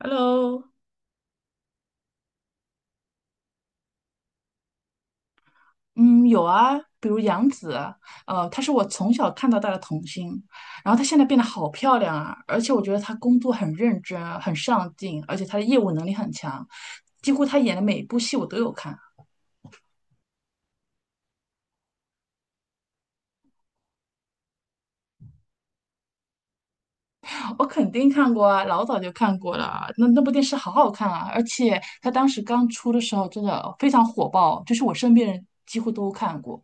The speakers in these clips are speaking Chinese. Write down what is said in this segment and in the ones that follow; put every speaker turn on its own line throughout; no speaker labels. Hello，嗯，有啊，比如杨紫啊，她是我从小看到大的童星，然后她现在变得好漂亮啊，而且我觉得她工作很认真，很上进，而且她的业务能力很强，几乎她演的每一部戏我都有看，我肯定看过啊，老早就看过了，那部电视好好看啊，而且她当时刚出的时候真的非常火爆，就是我身边人几乎都看过。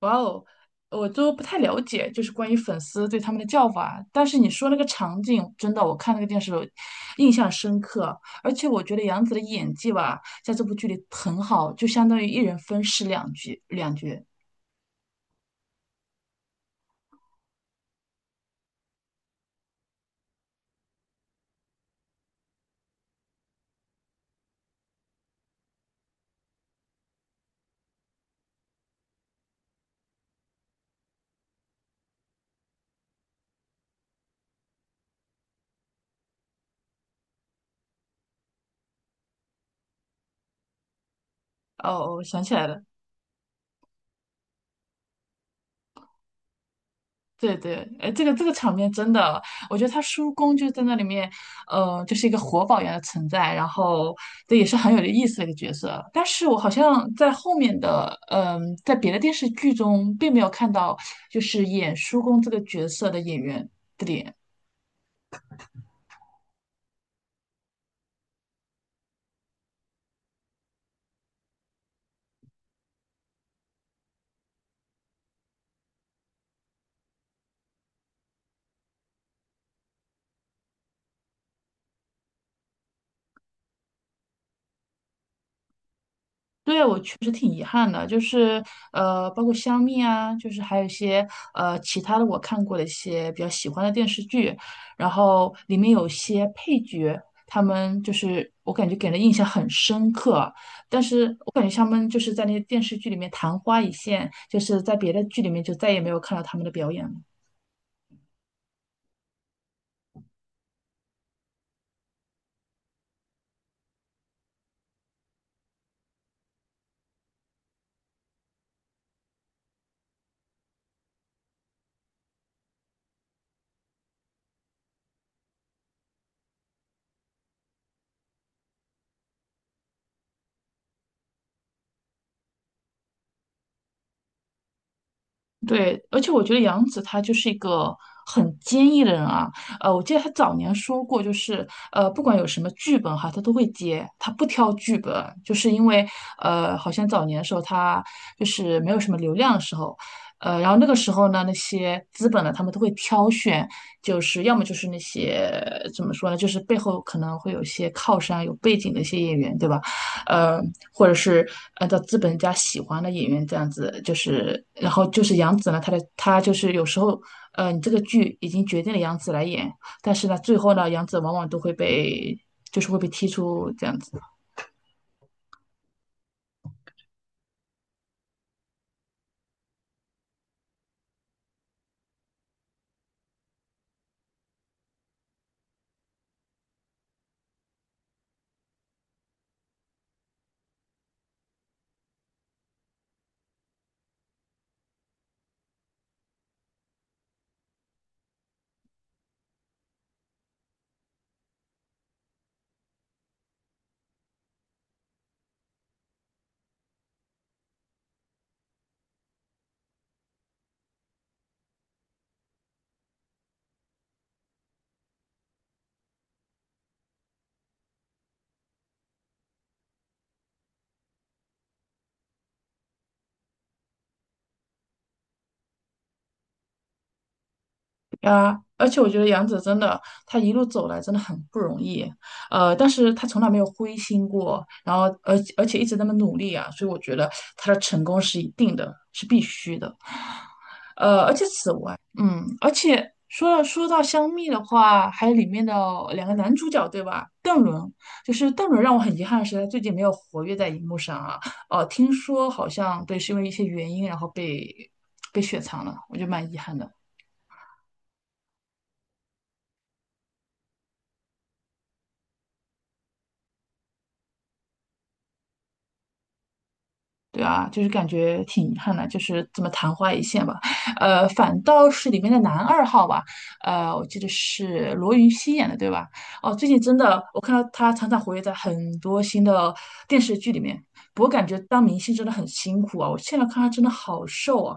哇哦，我都不太了解，就是关于粉丝对他们的叫法。但是你说那个场景，真的，我看那个电视我印象深刻。而且我觉得杨紫的演技吧，在这部剧里很好，就相当于一人分饰两角，两角。哦，我想起来了。对对，哎，这个场面真的，我觉得他叔公就在那里面，就是一个活宝一样的存在，然后这也是很有意思的一个角色。但是我好像在后面的，在别的电视剧中并没有看到，就是演叔公这个角色的演员的脸。对，我确实挺遗憾的，包括香蜜啊，就是还有一些其他的我看过的一些比较喜欢的电视剧，然后里面有些配角，他们就是我感觉给人印象很深刻，但是我感觉他们就是在那些电视剧里面昙花一现，就是在别的剧里面就再也没有看到他们的表演了。对，而且我觉得杨紫她就是一个很坚毅的人啊。我记得她早年说过，不管有什么剧本哈，她都会接，她不挑剧本，就是因为好像早年的时候她就是没有什么流量的时候，然后那个时候呢，那些资本呢，他们都会挑选，就是要么就是那些怎么说呢，就是背后可能会有一些靠山、有背景的一些演员，对吧？呃，或者是按照资本家喜欢的演员这样子，就是然后就是杨紫呢，她就是有时候你这个剧已经决定了杨紫来演，但是呢，最后呢，杨紫往往都会被会被踢出这样子。啊，而且我觉得杨紫真的，她一路走来真的很不容易，但是她从来没有灰心过，然后而且一直那么努力啊，所以我觉得她的成功是一定的，是必须的。而且此外，而且说到香蜜的话，还有里面的两个男主角，对吧？邓伦，就是邓伦让我很遗憾的是，他最近没有活跃在荧幕上啊。听说好像对，是因为一些原因，然后被雪藏了，我觉得蛮遗憾的。对啊，就是感觉挺遗憾的，就是这么昙花一现吧。反倒是里面的男二号吧，我记得是罗云熙演的，对吧？哦，最近真的我看到他常常活跃在很多新的电视剧里面，不过感觉当明星真的很辛苦啊。我现在看他真的好瘦啊。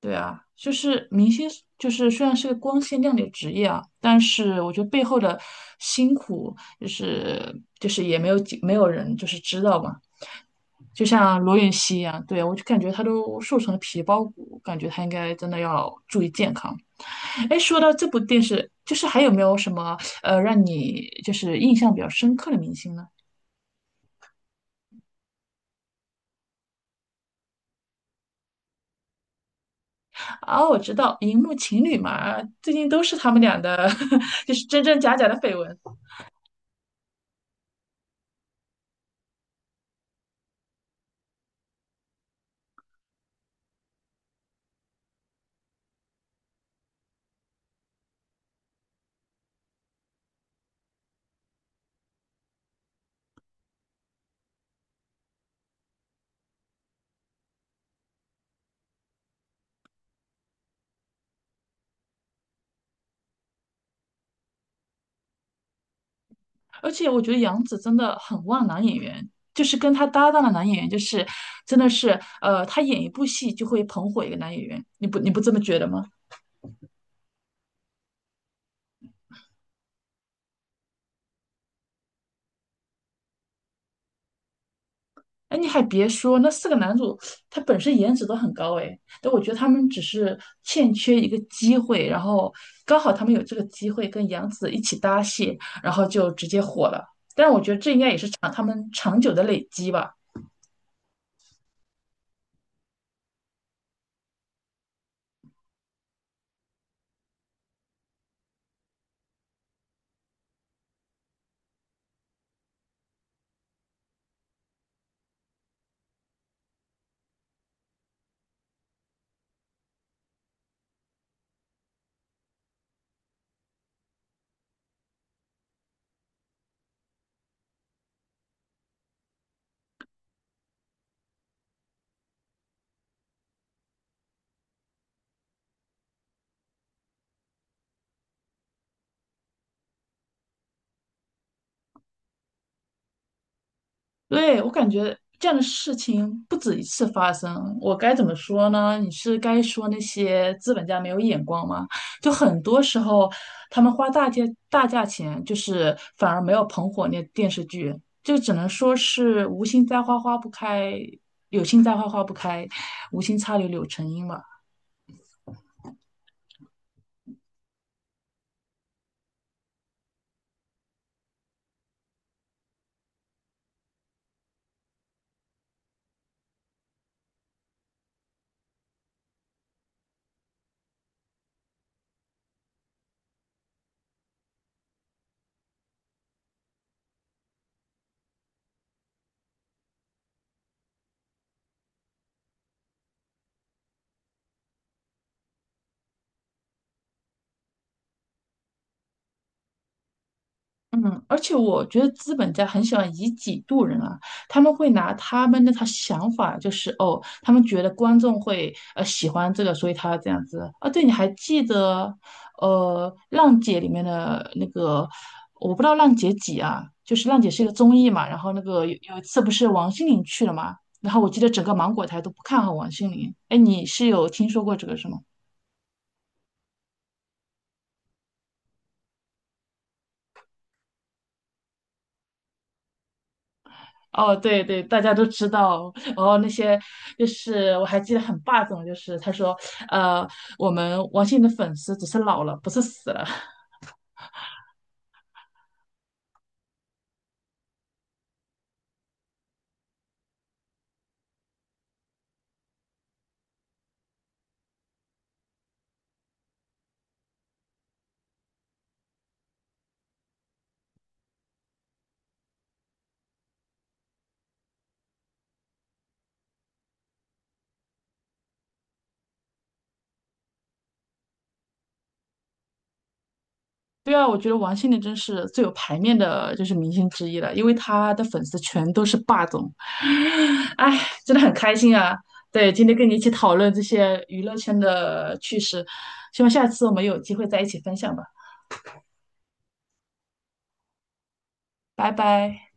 对啊，就是明星，就是虽然是个光鲜亮丽的职业啊，但是我觉得背后的辛苦，就是也没有人就是知道嘛。就像罗云熙一样，对，我就感觉他都瘦成了皮包骨，感觉他应该真的要注意健康。哎，说到这部电视，就是还有没有什么让你就是印象比较深刻的明星呢？啊，我知道荧幕情侣嘛，最近都是他们俩的，就是真真假假的绯闻。而且我觉得杨紫真的很旺男演员，就是跟他搭档的男演员，真的是他演一部戏就会捧火一个男演员，你不这么觉得吗？哎，你还别说，那四个男主他本身颜值都很高哎，但我觉得他们只是欠缺一个机会，然后刚好他们有这个机会跟杨紫一起搭戏，然后就直接火了。但是我觉得这应该也是长他们长久的累积吧。对，我感觉这样的事情不止一次发生，我该怎么说呢？你是该说那些资本家没有眼光吗？就很多时候，他们花大价大价钱，就是反而没有捧火那电视剧，就只能说是无心栽花花不开，有心栽花花不开，无心插柳柳成荫吧。嗯，而且我觉得资本家很喜欢以己度人啊，他们会拿他们那套想法，就是哦，他们觉得观众会喜欢这个，所以他这样子啊。对，你还记得呃《浪姐》里面的那个，我不知道《浪姐》几啊，就是《浪姐》是一个综艺嘛，然后那个有一次不是王心凌去了嘛，然后我记得整个芒果台都不看好王心凌，哎，你是有听说过这个是吗？哦，对对，大家都知道。然后那些就是我还记得很霸总，就是他说，呃，我们王心凌的粉丝只是老了，不是死了。对啊，我觉得王心凌真是最有排面的，就是明星之一了，因为她的粉丝全都是霸总。哎，真的很开心啊！对，今天跟你一起讨论这些娱乐圈的趣事，希望下次我们有机会在一起分享吧。拜拜。